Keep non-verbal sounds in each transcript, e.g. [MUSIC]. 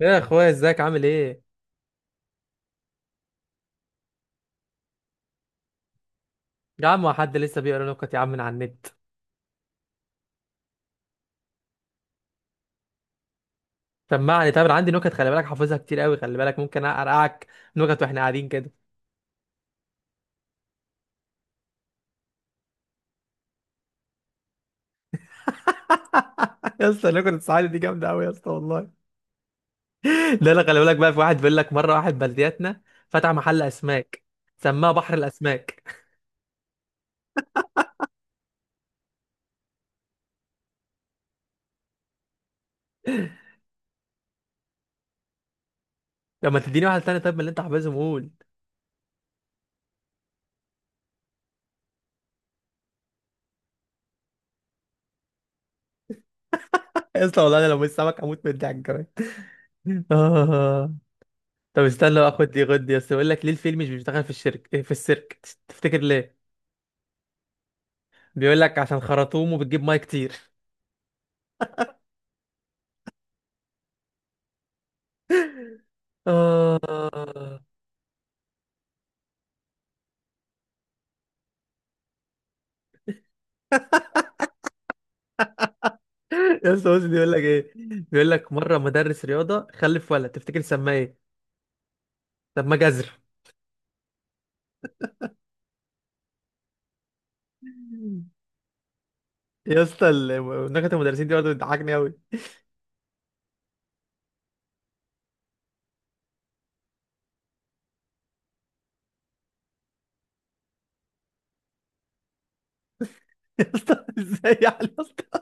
يا اخويا ازيك عامل ايه؟ يا عم هو حد لسه بيقرا نكت يا عم من على النت؟ سمعني، طب انا عندي نكت، خلي بالك حافظها كتير قوي، خلي بالك ممكن ارقعك نكت واحنا قاعدين كده. [LAUGHS] يا اسطى نكت الصعيدي دي جامده قوي يا اسطى والله. ده انا خلي بالك بقى، في واحد بيقول لك مره واحد بلدياتنا فتح محل اسماك، سماه بحر الاسماك. [LAUGHS] لما تديني واحد تاني طيب من اللي انت حافظهم قول. يا اسطى والله انا لو مش سمك هموت من الضحك كمان. [LAUGHS] آه. طب استنى بقى، خد دي خد دي يا اسطى، بيقول لك ليه الفيل مش بيشتغل في الشركه في السيرك؟ تفتكر ليه؟ بيقول لك عشان خرطومه بتجيب ميه كتير. آه. [LAUGHS] يا اسطى مسلم بيقول لك ايه، بيقول لك مرة مدرس رياضة خلف ولد، تفتكر سماه ايه؟ طب ما جزر. يا اسطى نكت المدرسين دي برضه بتضحكني قوي. [LAUGHS] يا اسطى ازاي يعني يا اسطى؟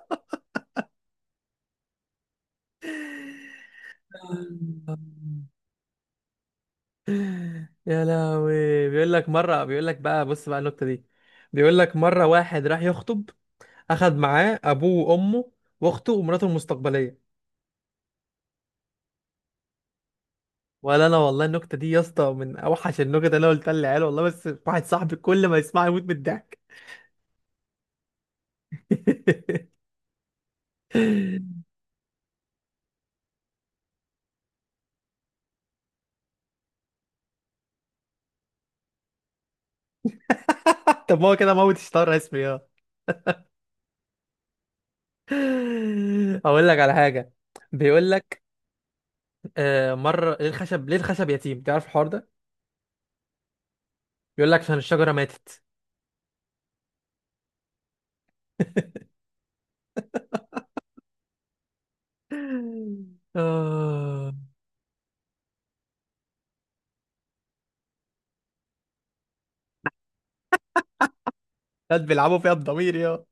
يا لهوي. بيقول لك مرة، بيقول لك بقى، بص بقى النكتة دي، بيقول لك مرة واحد راح يخطب، أخد معاه أبوه وأمه وأخته ومراته المستقبلية. ولا أنا والله النكتة دي يا اسطى من أوحش النكت اللي أنا قلتها للعيال والله، بس واحد صاحبي كل ما يسمعها يموت من الضحك. [LAUGHS] طب ما هو كده موت اشتهر اسمي اه. اقول لك على حاجه، بيقول لك مره ليه الخشب، ليه الخشب يتيم، تعرف الحوار ده؟ بيقول لك عشان الشجره ماتت. [LAUGHS] آه. ناس بيلعبوا فيها الضمير يا.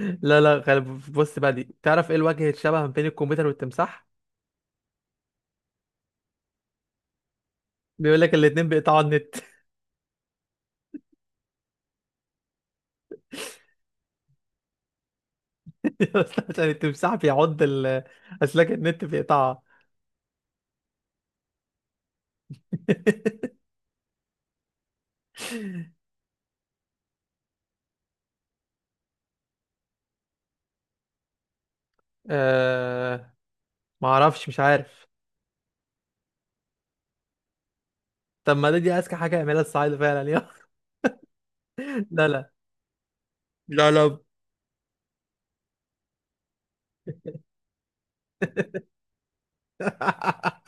لا لا بص بقى دي، تعرف ايه الوجه الشبه ما بين الكمبيوتر والتمساح؟ بيقول لك الاتنين بيقطعوا النت. [LAUGHS] يا اسطى عشان التمساح بيعض اسلاك النت بيقطعها. [LAUGHS] آه. ما اعرفش، مش عارف. طب ما ده دي اذكى حاجه يعملها الصعايده فعلا يا. [LAUGHS] لا لا. لا لا. [LAUGHS]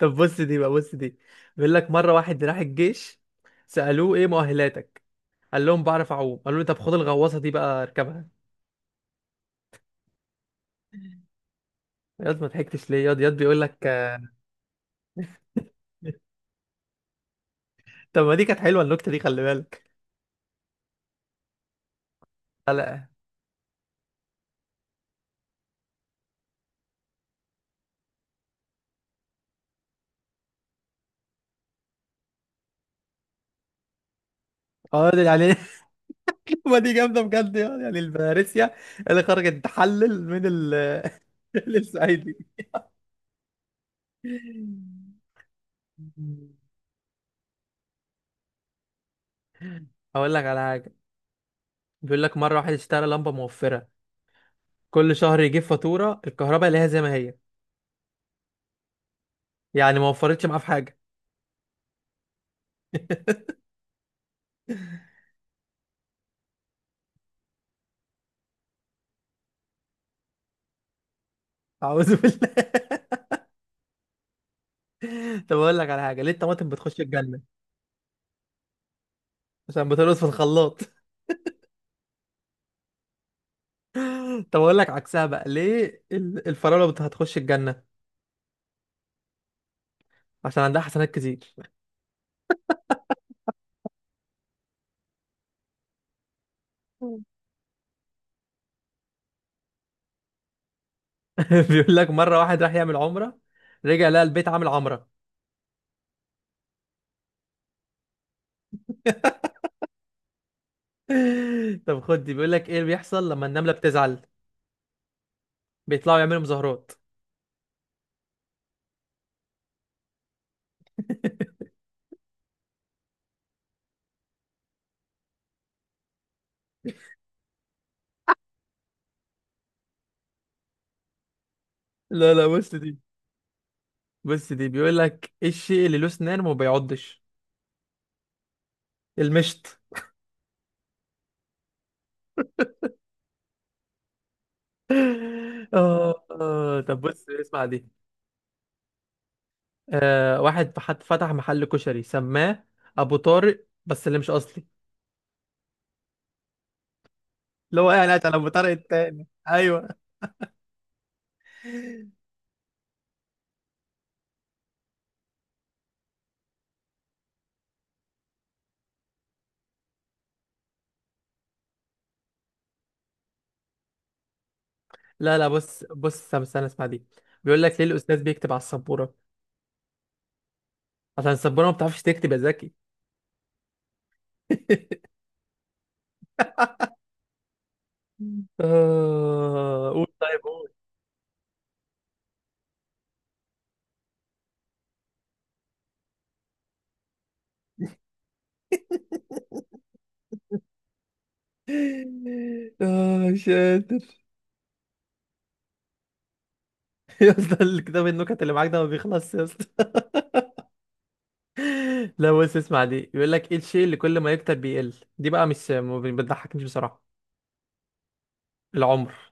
طب بص دي بقى، بص دي، بيقول لك مره واحد راح الجيش، سالوه ايه مؤهلاتك، قال لهم بعرف اعوم، قالوا له طب خد الغواصه دي بقى اركبها. ياض ما ضحكتش ليه ياض، ياض بيقول لك. [LAUGHS] طب ما دي كانت حلوه النكته دي خلي بالك. لا لا. اه ده يعني. [LAUGHS] ما دي جامده بجد، يعني يعني الفارسيا اللي خرجت تحلل من ال. [LAUGHS] من الصعيدي. هقول لك على حاجه، بيقول لك مره واحد اشترى لمبه موفره، كل شهر يجيب فاتوره الكهرباء اللي هي زي ما هي، يعني ما وفرتش معاه في حاجه. [LAUGHS] اعوذ بالله. [LAUGHS] طب اقول لك على حاجه، ليه الطماطم بتخش الجنه؟ عشان بترقص في الخلاط. [LAUGHS] طب اقول لك عكسها بقى، ليه الفراوله هتخش الجنه؟ عشان عندها حسنات كتير. [LAUGHS] بيقول لك مره واحد راح يعمل عمره، رجع لقى البيت عامل عمره. [LAUGHS] طب خد دي، بيقول لك ايه اللي بيحصل لما النمله بتزعل؟ بيطلعوا يعملوا مظاهرات. لا لا بص دي، بص دي، بيقول لك ايه الشيء اللي له اسنان وما بيعضش؟ المشط. آه آه، طب بص اسمع دي. آه واحد فتح محل كشري سماه أبو طارق بس اللي مش أصلي، اللي هو يعني قاعد على أبو طارق التاني أيوه. لا لا بص بص استنى استنى، اسمع دي، بيقول لك ليه الأستاذ بيكتب على السبورة؟ عشان السبورة ما بتعرفش تكتب يا زكي. [LAUGHS] آه قول طيب قول. [LAUGHS] آه مش قادر. [LAUGHS] يا اسطى الكتاب النكت اللي معاك ده ما بيخلصش يا اسطى. [LAUGHS] لا بص اسمع دي، بيقول لك ايه الشيء اللي كل ما يكتر بيقل؟ دي بقى مش ما بتضحكنيش بصراحه. العمر. [LAUGHS]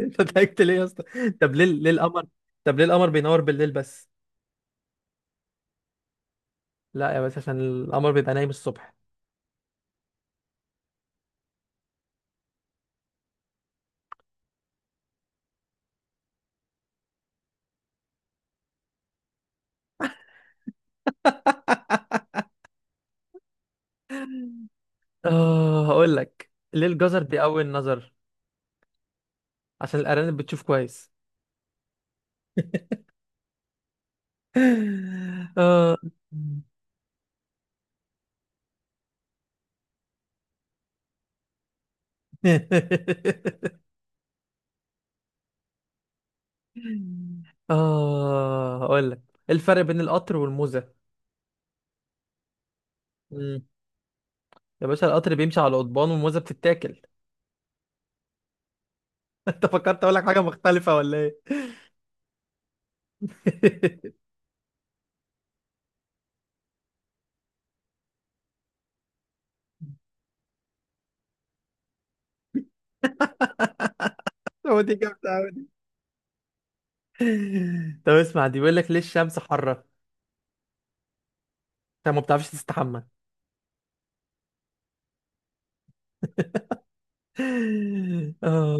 انت ضحكت ليه يا اسطى؟ طب ليه، ليه القمر، طب ليه القمر بينور بالليل بس؟ لا يا بس عشان القمر بيبقى نايم الصبح. [LAUGHS] اه هقول لك ليه الجزر بيقوي النظر؟ عشان الارانب بتشوف كويس. [LAUGHS] اه. [LAUGHS] اه هقول لك ايه الفرق بين القطر والموزه؟ يا باشا القطر بيمشي على قضبان والموزة بتتاكل. [LAUGHS] انت فكرت اقول لك حاجة مختلفة ولا ايه؟ [LAUGHS] هو دي جامدة أوي دي. [LAUGHS] طب اسمع دي، بيقول لك ليه الشمس حارة؟ انت ما بتعرفش تستحمى. [LAUGHS] آه.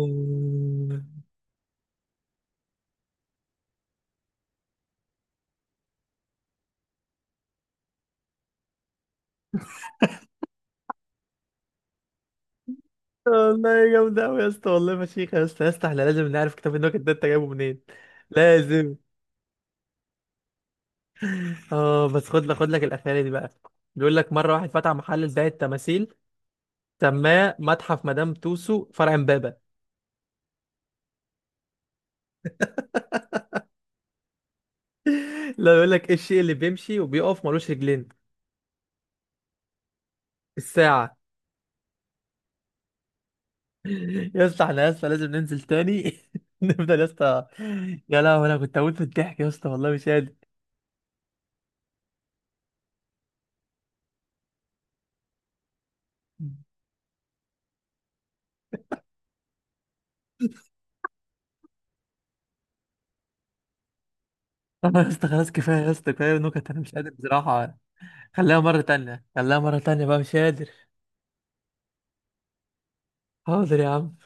والله جامدة أوي يا اسطى والله فشيخة يا اسطى، يا اسطى احنا لازم نعرف كتاب النكت ده انت جايبه منين. [LAUGHS] لازم. اه بس خد لك خد لك الأخيرة دي بقى، بيقول لك مرة واحد فتح محل لبيع التماثيل، سماه متحف مدام توسو فرع امبابة. [LAUGHS] لا بيقول لك ايه الشيء اللي بيمشي وبيقف ملوش رجلين؟ الساعة. يا اسطى احنا يا اسطى لازم ننزل تاني. [LAUGHS] نفضل يا اسطى. يا لهوي انا كنت هموت من الضحك يا اسطى والله مش قادر. [LAUGHS] يا اسطى خلاص كفاية يا اسطى، كفاية نكت انا مش قادر بصراحة. خليها مرة تانية، خليها مرة تانية بقى مش قادر. حاضر يا عم.